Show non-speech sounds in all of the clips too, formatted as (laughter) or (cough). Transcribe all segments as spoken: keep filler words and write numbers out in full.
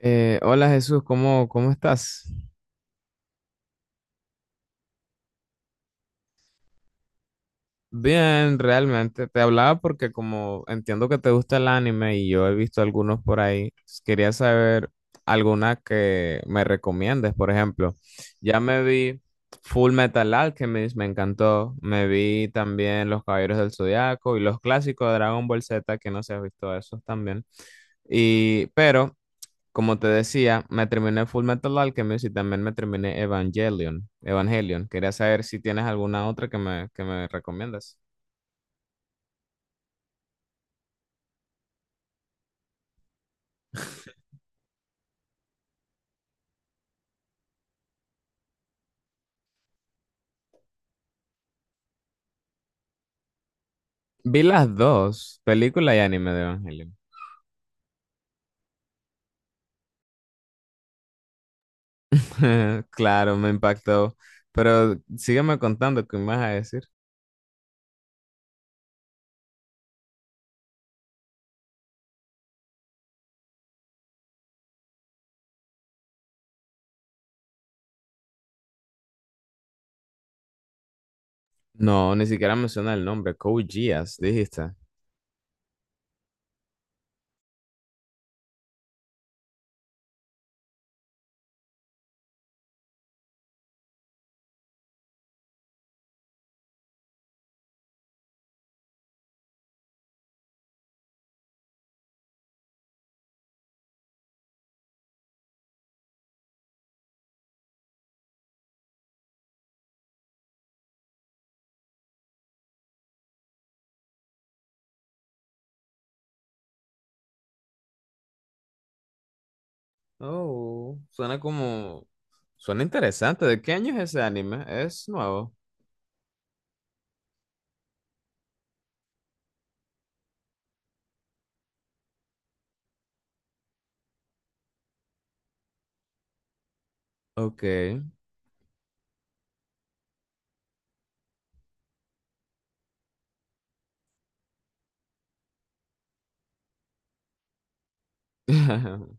Eh, hola Jesús, ¿cómo, cómo estás? Bien, realmente. Te hablaba porque como entiendo que te gusta el anime y yo he visto algunos por ahí, s- quería saber alguna que me recomiendes. Por ejemplo, ya me vi Full Metal Alchemist, me encantó. Me vi también Los Caballeros del Zodiaco y los clásicos de Dragon Ball Z, que no sé si has visto esos también. Y, pero Como te decía, me terminé Full Metal Alchemist y también me terminé Evangelion. Evangelion. Quería saber si tienes alguna otra que me, que me recomiendas. Vi las dos, película y anime de Evangelion. (laughs) Claro, me impactó. Pero sígueme contando, ¿qué me vas a decir? No, ni siquiera menciona el nombre. Code Geass, dijiste. Oh, suena como... suena interesante. ¿De qué año es ese anime? ¿Es nuevo? Ok. (laughs)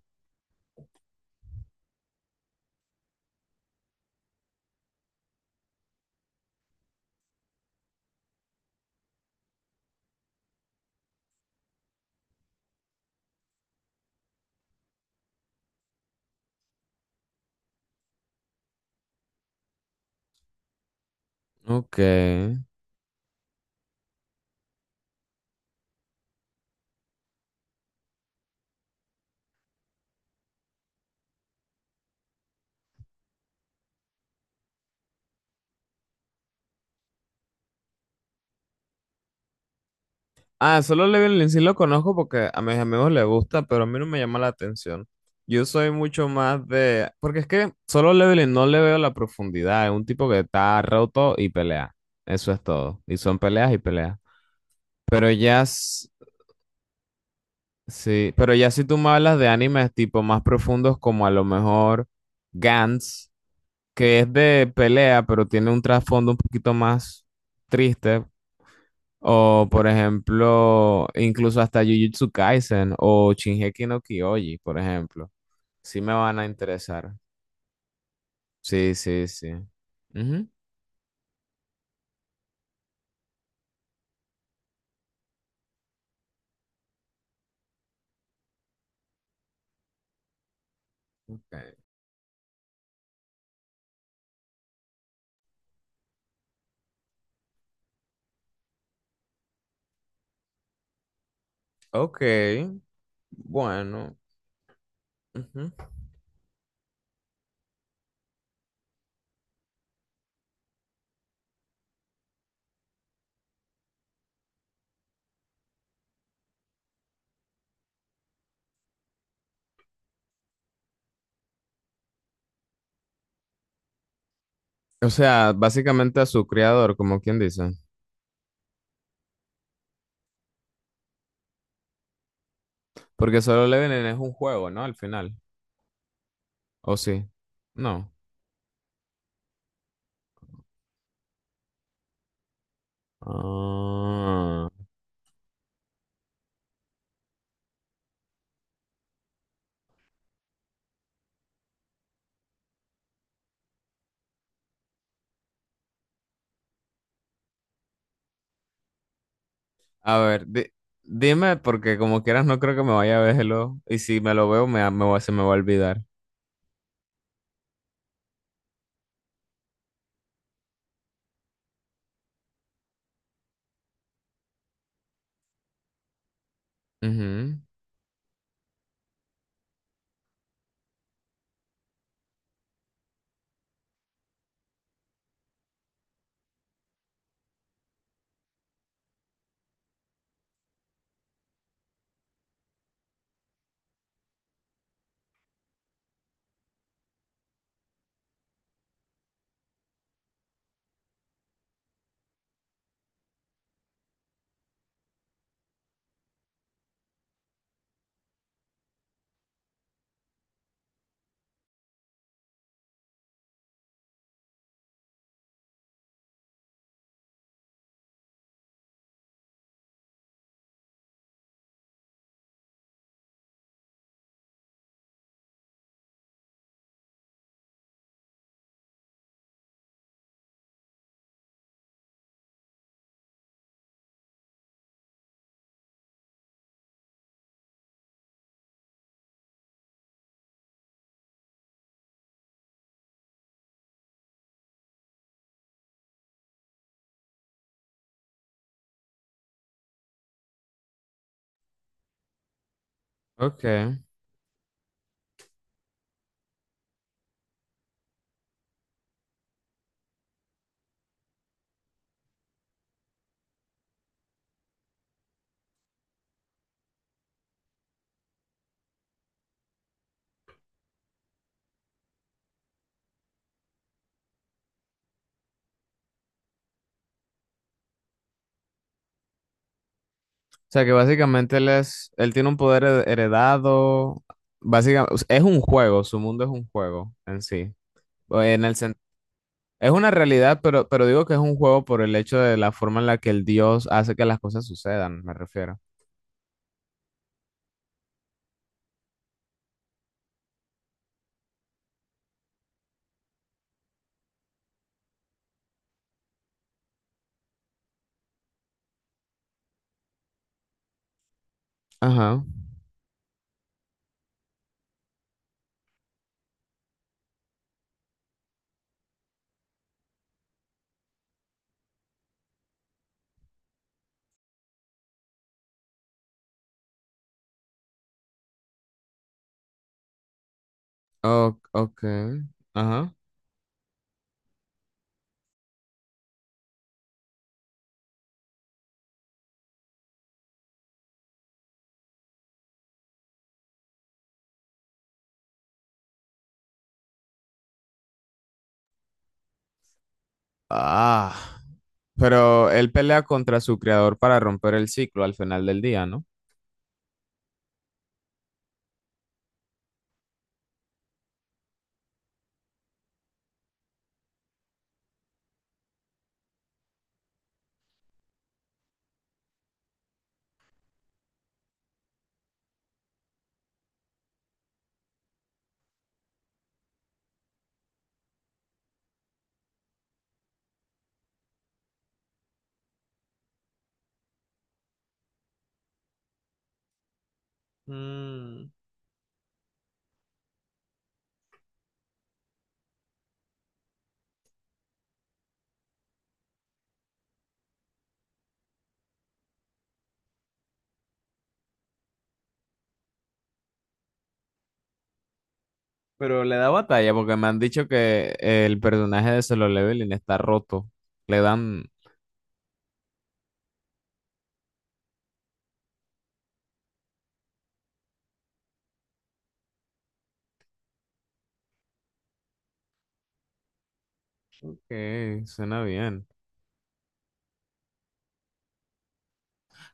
Ok. Ah, solo Level in sí lo conozco porque a mis amigos les gusta, pero a mí no me llama la atención. Yo soy mucho más de... porque es que solo Leveling no le veo la profundidad. Es un tipo que está roto y pelea. Eso es todo. Y son peleas y peleas. Pero ya... s- sí, pero ya si tú me hablas de animes tipo más profundos como a lo mejor Gantz, que es de pelea, pero tiene un trasfondo un poquito más triste. O, por ejemplo, incluso hasta Jujutsu Kaisen o Shingeki no Kyoji, por ejemplo. Sí me van a interesar. Sí, sí, sí. Ujú. Ok, ok, bueno. Ujú. O sea, básicamente a su creador, como quien dice. Porque Solo Leveling es un juego, ¿no? Al final. ¿O sí? No. Ah. A ver, di- dime, porque como quieras no creo que me vaya a verlo. Y si me lo veo, me, me va- se me va a olvidar. Ujú. Ok. Sea que básicamente él es, él tiene un poder hered- heredado, básicamente, es un juego, su mundo es un juego en sí. O En el sen- Es una realidad, pero, pero digo que es un juego por el hecho de la forma en la que el dios hace que las cosas sucedan, me refiero. Ajá. O- ok. Ajá. Ah. Pero él pelea contra su creador para romper el ciclo al final del día, ¿no? Mm. Pero le da batalla porque me han dicho que el personaje de Solo Leveling está roto. Le dan... Eh, suena bien.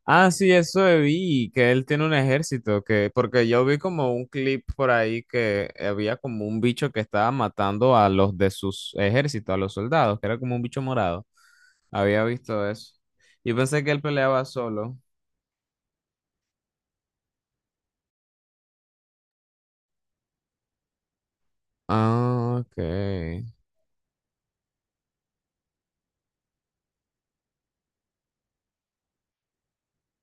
Ah, sí, eso vi, que él tiene un ejército, que, porque yo vi como un clip por ahí que había como un bicho que estaba matando a los de sus ejércitos, a los soldados, que era como un bicho morado. Había visto eso. Yo pensé que él peleaba solo. Ah, ok.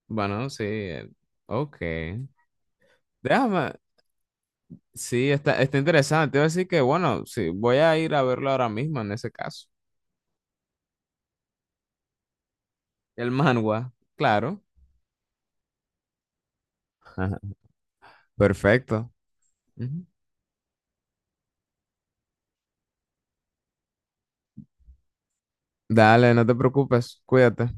Bueno, sí, eh, ok. Déjame, sí, está, está interesante. Iba a decir que, bueno, sí, voy a ir a verlo ahora mismo en ese caso. El manhwa, claro. (laughs) Perfecto. Ujú. Dale, no te preocupes, cuídate.